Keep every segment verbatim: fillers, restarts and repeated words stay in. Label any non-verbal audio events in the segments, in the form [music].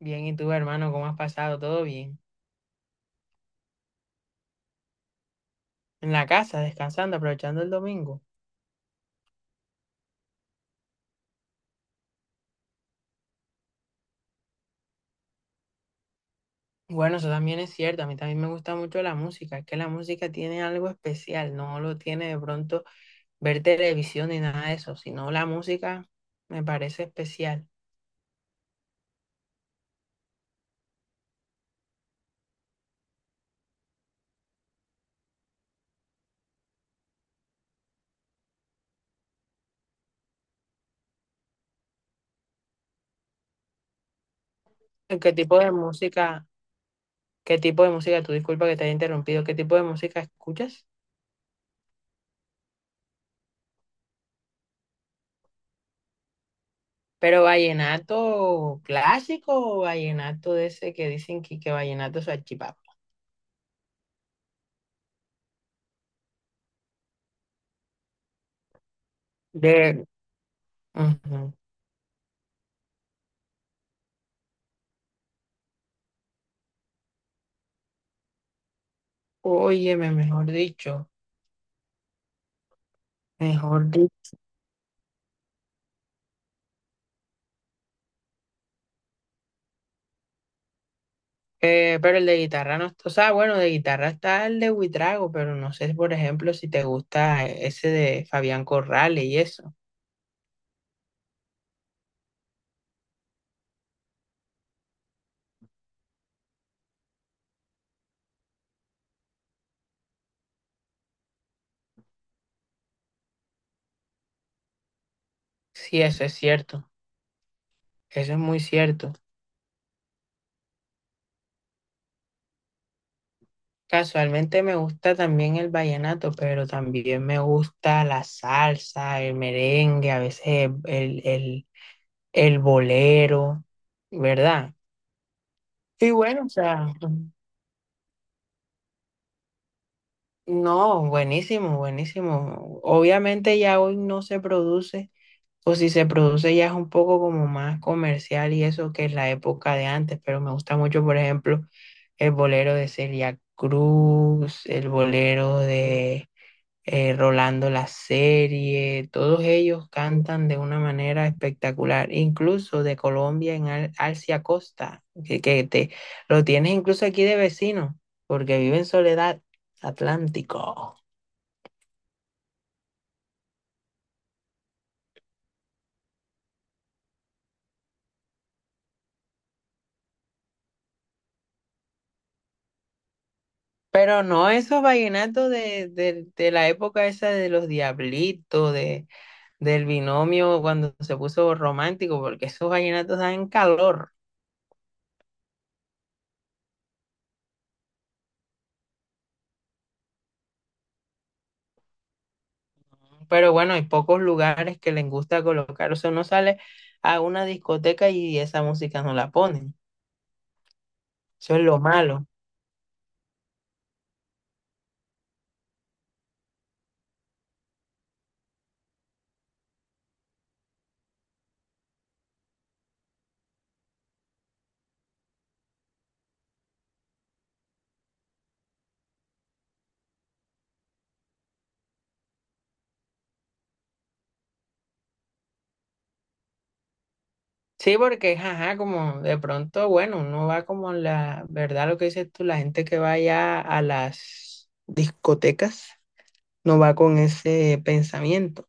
Bien, ¿y tú, hermano, cómo has pasado? ¿Todo bien? En la casa, descansando, aprovechando el domingo. Bueno, eso también es cierto. A mí también me gusta mucho la música. Es que la música tiene algo especial. No lo tiene de pronto ver televisión ni nada de eso, sino la música me parece especial. ¿Qué tipo de música, qué tipo de música, tú disculpa que te haya interrumpido, qué tipo de música escuchas? ¿Pero vallenato clásico o vallenato de ese que dicen que, que vallenato es salchipapa? De... Ujú. Óyeme, mejor dicho, mejor dicho. Eh, pero el de guitarra no está, o sea, bueno, de guitarra está el de Huitrago, pero no sé, por ejemplo, si te gusta ese de Fabián Corrales y eso. Sí, eso es cierto, eso es muy cierto. Casualmente me gusta también el vallenato, pero también me gusta la salsa, el merengue, a veces el, el, el bolero, ¿verdad? Y bueno, o sea. No, buenísimo, buenísimo. Obviamente ya hoy no se produce, o si se produce ya es un poco como más comercial y eso que es la época de antes, pero me gusta mucho, por ejemplo, el bolero de Celia Cruz, el bolero de eh, Rolando la Serie. Todos ellos cantan de una manera espectacular, incluso de Colombia en Al Alcia Costa, que, que te lo tienes incluso aquí de vecino, porque vive en Soledad Atlántico. Pero no esos vallenatos de, de, de la época esa de los diablitos, de, del binomio cuando se puso romántico, porque esos vallenatos dan calor. Pero bueno, hay pocos lugares que les gusta colocar. O sea, uno sale a una discoteca y esa música no la ponen. Eso es lo malo. Sí, porque ajá, como de pronto, bueno, uno va como la verdad, lo que dices tú, la gente que va allá a las discotecas no va con ese pensamiento.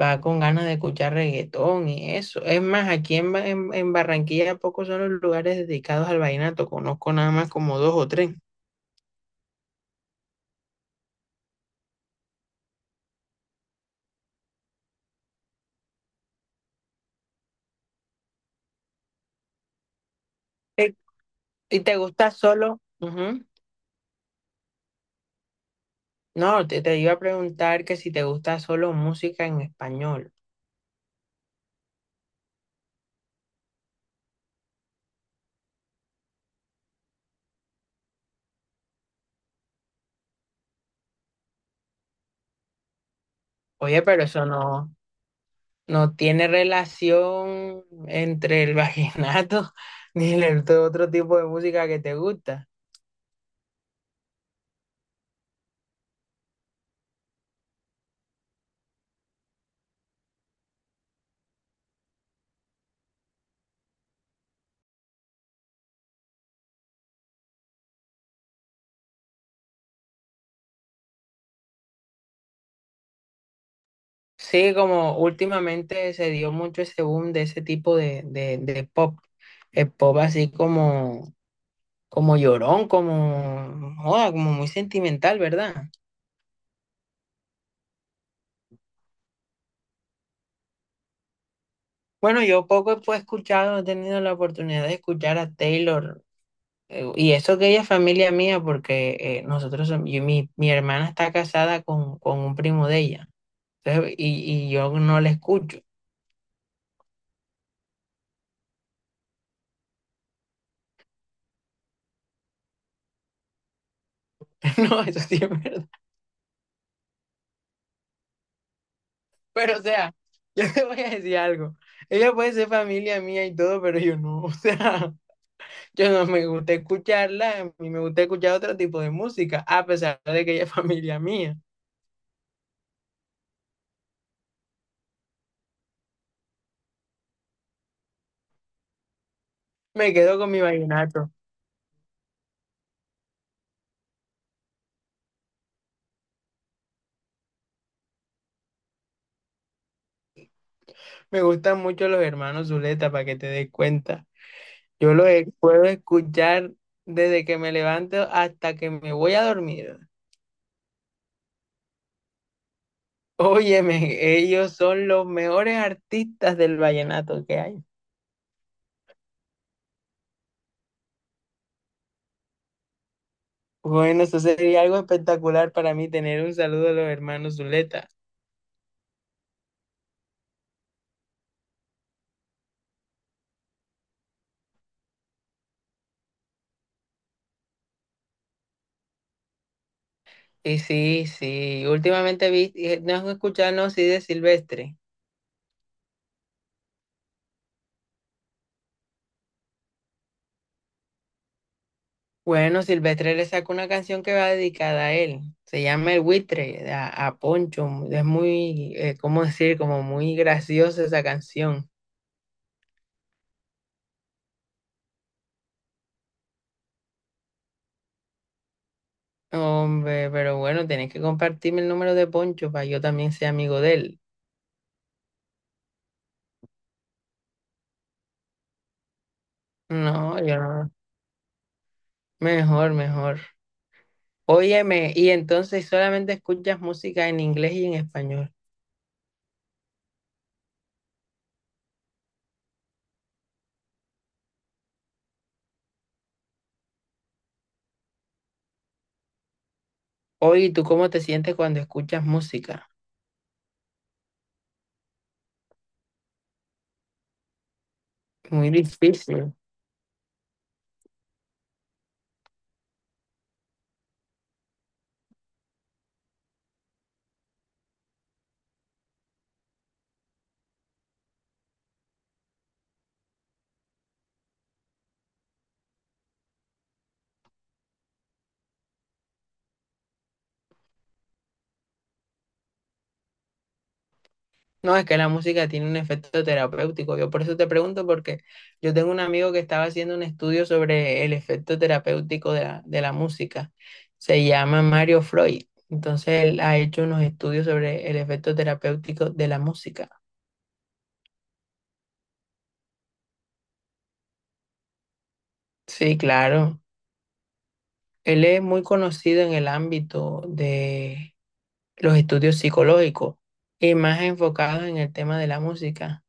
Va con ganas de escuchar reggaetón y eso. Es más, aquí en, Ba- en, en Barranquilla pocos son los lugares dedicados al vallenato, conozco nada más como dos o tres. Eh, ¿Y te gusta solo? Ujú. No, te, te iba a preguntar que si te gusta solo música en español. Oye, pero eso no, no tiene relación entre el vallenato [laughs] ni el otro tipo de música que te gusta. Sí, como últimamente se dio mucho ese boom de ese tipo de, de, de pop, el pop así como, como llorón, como, joda, como muy sentimental, ¿verdad? Bueno, yo poco he pues, escuchado, he tenido la oportunidad de escuchar a Taylor, eh, y eso que ella es familia mía, porque eh, nosotros, som- yo- mi, mi hermana está casada con, con un primo de ella, entonces, y, y yo no la escucho. [laughs] No, eso sí es verdad. Pero, o sea, [laughs] yo te voy a decir algo. Ella puede ser familia mía y todo, pero yo no. [laughs] O sea, yo no me gusta escucharla, a mí me gusta escuchar otro tipo de música, a pesar de que ella es [laughs] familia mía. Me quedo con mi vallenato. Me gustan mucho los hermanos Zuleta, para que te des cuenta. Yo los e- puedo escuchar desde que me levanto hasta que me voy a dormir. Óyeme, ellos son los mejores artistas del vallenato que hay. Bueno, eso sería algo espectacular para mí tener un saludo de los hermanos Zuleta. Y sí, sí, últimamente vi, eh, no escucharnos sí de Silvestre. Bueno, Silvestre le sacó una canción que va dedicada a él. Se llama El Buitre, a, a Poncho. Es muy, eh, ¿cómo decir? Como muy graciosa esa canción. Hombre, pero bueno, tenés que compartirme el número de Poncho para yo también sea amigo de él. No, yo no. Mejor, mejor. Óyeme, y entonces solamente escuchas música en inglés y en español. Oye, ¿tú cómo te sientes cuando escuchas música? Muy difícil. No, es que la música tiene un efecto terapéutico. Yo por eso te pregunto, porque yo tengo un amigo que estaba haciendo un estudio sobre el efecto terapéutico de la, de la música. Se llama Mario Freud. Entonces él ha hecho unos estudios sobre el efecto terapéutico de la música. Sí, claro. Él es muy conocido en el ámbito de los estudios psicológicos y más enfocados en el tema de la música.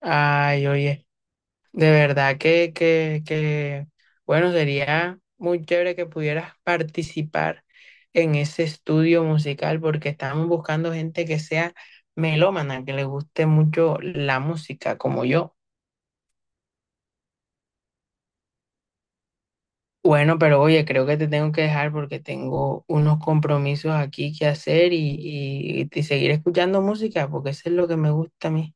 Ay, oye, de verdad que, que, que, bueno, sería muy chévere que pudieras participar en ese estudio musical porque estamos buscando gente que sea melómana, que le guste mucho la música, como yo. Bueno, pero oye, creo que te tengo que dejar porque tengo unos compromisos aquí que hacer y, y y seguir escuchando música porque eso es lo que me gusta a mí.